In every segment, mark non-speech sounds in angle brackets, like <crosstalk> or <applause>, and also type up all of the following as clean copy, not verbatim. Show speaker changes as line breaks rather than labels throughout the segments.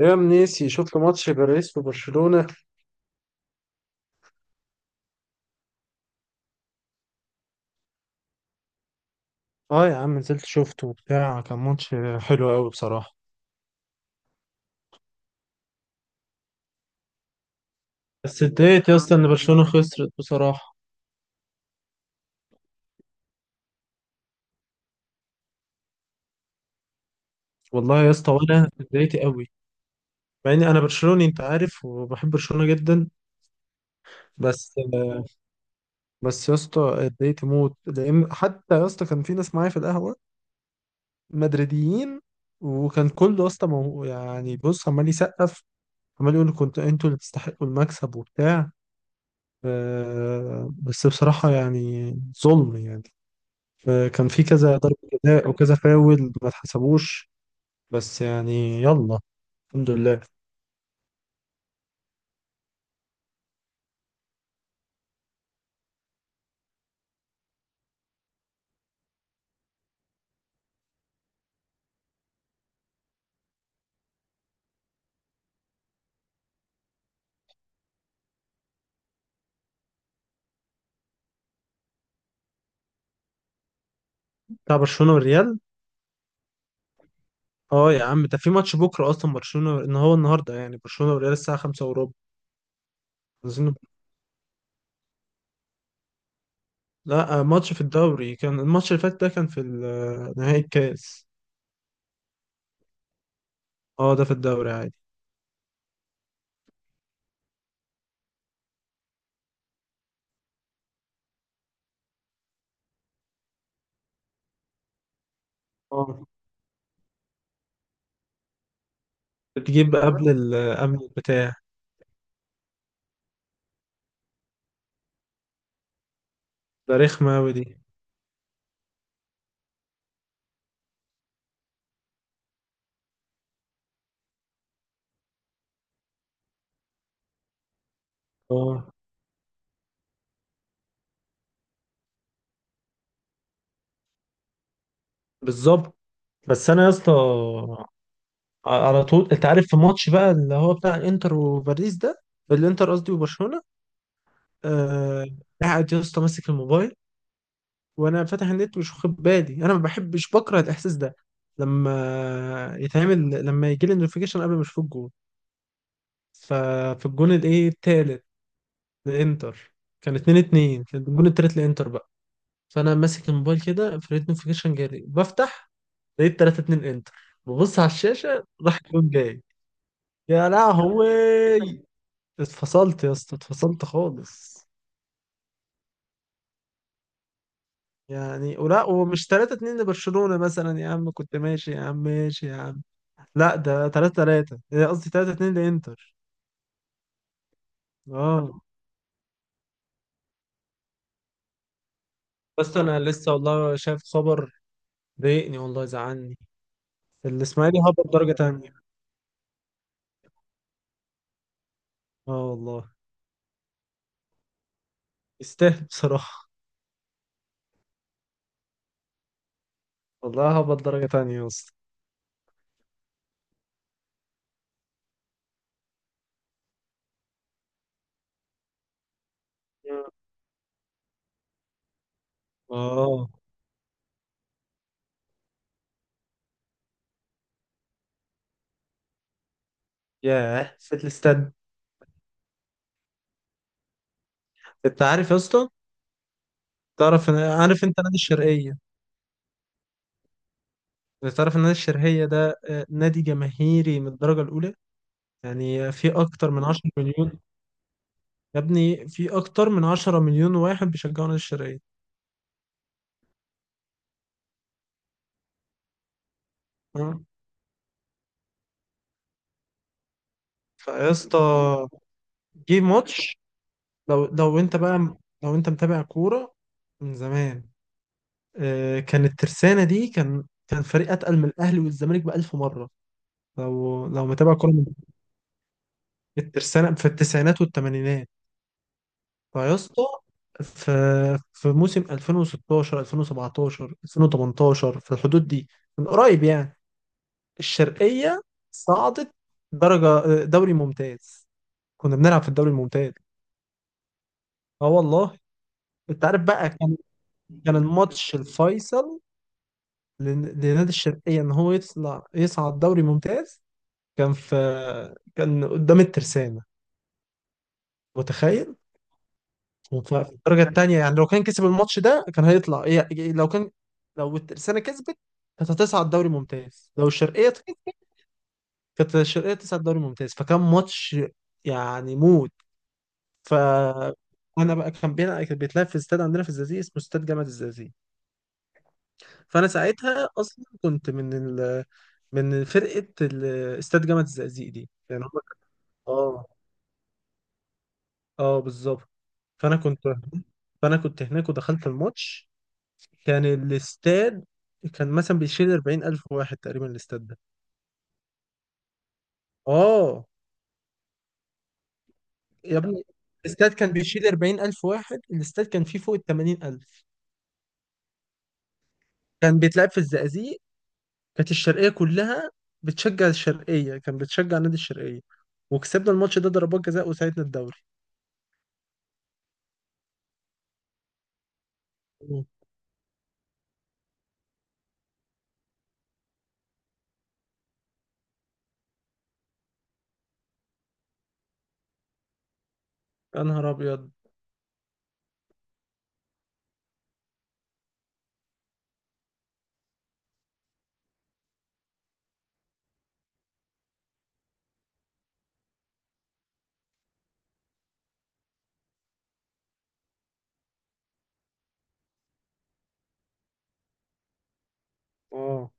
يا منيسي، شفت ماتش باريس وبرشلونة. اه يا عم، نزلت شفته وبتاع. كان ماتش حلو قوي بصراحة. بس اتضايقت يا اسطى ان برشلونة خسرت بصراحة. والله يا اسطى، وانا اتضايقت قوي مع اني انا برشلوني، انت عارف، وبحب برشلونة جدا. بس بس يا اسطى اتضايقت موت، لان حتى يا اسطى كان في ناس معايا في القهوة مدريديين. وكان كله يا اسطى يعني بص، عمال يسقف، عمال يقول كنت انتوا اللي تستحقوا المكسب وبتاع. بس بصراحة يعني ظلم يعني. فكان في كذا ضربة جزاء وكذا فاول ما اتحسبوش. بس يعني يلا، الحمد لله. بتاع برشلونة والريال. اه يا عم، ده في ماتش بكرة اصلا، برشلونة، ان هو النهارده يعني برشلونة والريال الساعة 5 وربع. عايزين- لا ماتش في الدوري. كان الماتش اللي فات ده كان في نهائي الكاس. اه ده في الدوري عادي. اه بتجيب قبل ال قبل البتاع. ده رخمة أوي دي. اه بالظبط. بس انا يا اسطى، على طول انت عارف، في ماتش بقى اللي هو بتاع الانتر وباريس ده. الانتر قصدي وبرشلونه. آه، قاعد يا اسطى ماسك الموبايل وانا فاتح النت مش واخد بالي. انا ما بحبش بكره الاحساس ده لما يتعمل، لما يجي لي النوتيفيكيشن قبل ما اشوف الجول. ففي الجون الايه التالت للانتر، كان 2 2. كان الجون التالت للانتر بقى. فانا ماسك الموبايل كده فلقيت نوتيفيكيشن جالي بفتح، لقيت 3 2 انتر. ببص على الشاشه راح الجون جاي. يا لهوي، اتفصلت يا اسطى، اتفصلت خالص. يعني ولا ومش 3 2 لبرشلونة مثلا يا عم؟ كنت ماشي يا عم، ماشي يا عم. لا ده 3 3، قصدي 3 2 لإنتر. اه بس انا لسه والله شايف خبر ضايقني والله، زعلني. الاسماعيلي هبط درجة تانية. اه والله. يستاهل بصراحة. والله هبط درجة تانية يا اسطى. اه. ياه في الاستاد. انت عارف يا اسطى، عارف انت نادي الشرقية؟ انت تعرف ان نادي الشرقية ده نادي جماهيري من الدرجة الأولى. يعني في أكتر من 10 مليون. يا ابني، في أكتر من 10 مليون واحد بيشجعوا نادي الشرقية. اه. فيا اسطى، جه ماتش. لو أنت بقى، لو أنت متابع كورة من زمان، كان الترسانة دي، كان فريق أتقل من الأهلي والزمالك بألف مرة. لو متابع كورة من الترسانة في التسعينات والثمانينات. فيا اسطى، في في موسم 2016 2017 2018 في الحدود دي، من قريب يعني. الشرقية صعدت درجة دوري ممتاز. كنا بنلعب في الدوري الممتاز. اه والله. انت عارف بقى، كان الماتش الفيصل لنادي الشرقية ان هو يطلع يصعد دوري ممتاز. كان في، كان قدام الترسانة. متخيل. في الدرجة التانية يعني، لو كان كسب الماتش ده كان هيطلع إيه؟ لو كان، لو الترسانة كسبت كانت هتصعد دوري ممتاز. لو الشرقية كسبت، كانت الشرقية تصعد دوري ممتاز. فكان ماتش يعني موت. ف، انا بقى كان بينا، كان بيتلعب في استاد عندنا في الزقازيق اسمه استاد جامعة الزقازيق. فانا ساعتها اصلا كنت من من استاد جامعة الزقازيق دي يعني هم. اه اه بالظبط. فانا كنت فانا كنت هناك ودخلت الماتش. كان الاستاد كان مثلا بيشيل 40000 واحد تقريبا الاستاد ده. اه يا ابني، الاستاد كان بيشيل 40000 واحد، الاستاد كان فيه فوق ال 80000. كان بيتلعب في الزقازيق. كانت الشرقية كلها بتشجع الشرقية، كان بتشجع نادي الشرقية. وكسبنا الماتش ده ضربات جزاء وساعدنا الدوري. مم. يا نهار ابيض. اه.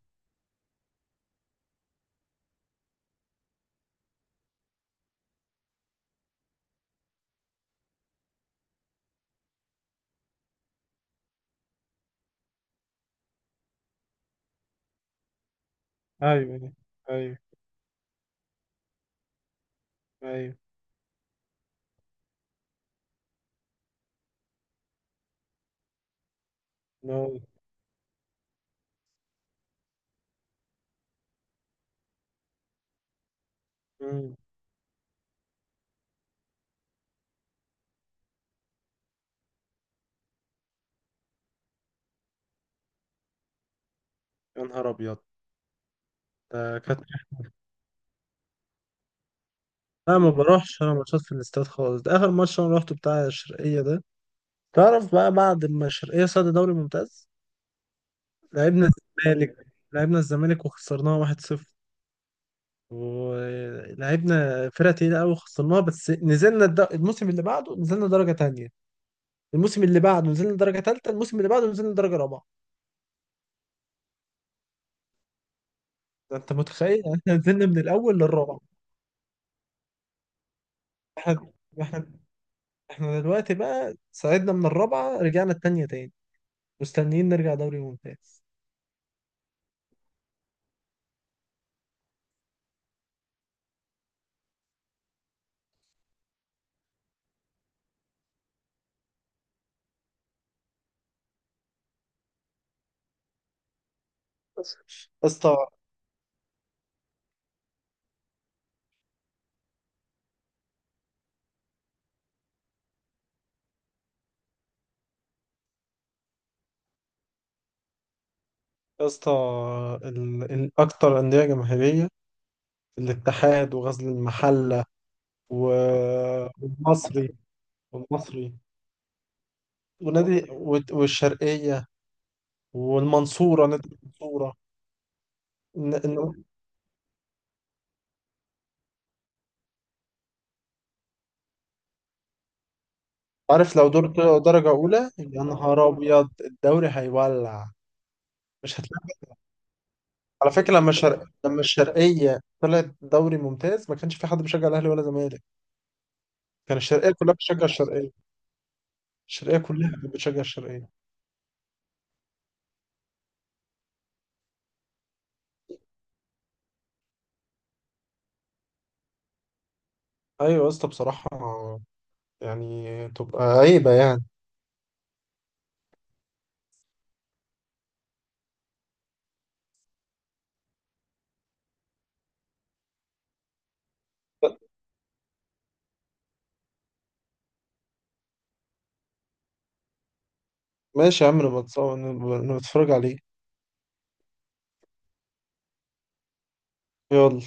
ايوه ايوه ايوه. نو. مم. يا نهار ابيض. ده كانت، انا ما بروحش، انا ماتشات في الاستاد خالص. ده اخر ماتش انا روحته بتاع الشرقية ده. تعرف بقى، بعد ما الشرقية صعد دوري ممتاز، لعبنا الزمالك. لعبنا الزمالك وخسرناها 1-0. ولعبنا فرقة تقيلة أوي وخسرناها. بس نزلنا الموسم اللي بعده نزلنا درجة تانية. الموسم اللي بعده نزلنا درجة تالتة. الموسم اللي بعده نزلنا درجة رابعة. ده أنت متخيل؟ <laughs> احنا نزلنا من الأول للرابعة. احنا احنا احنا دلوقتي بقى صعدنا من الرابعة رجعنا التانية تاني. مستنيين نرجع دوري ممتاز. بس. يا اسطى. يا اسطى، الأكتر أندية جماهيرية الاتحاد وغزل المحلة والمصري. والمصري. ونادي والشرقية. والمنصورة، نادي المنصورة. إن- إن- عارف لو دور درجة أولى يا نهار أبيض الدوري هيولع. مش هتلاقي. على فكرة، لما الشرقية طلعت دوري ممتاز ما كانش في حد بيشجع الأهلي ولا زمالك. كان الشرقية كلها بتشجع الشرقية. الشرقية كلها كانت بتشجع الشرقية. أيوة يا اسطى بصراحة، يعني تبقى عيبة يعني. ماشي يا عم، نبقى نتفرج عليه. يلا.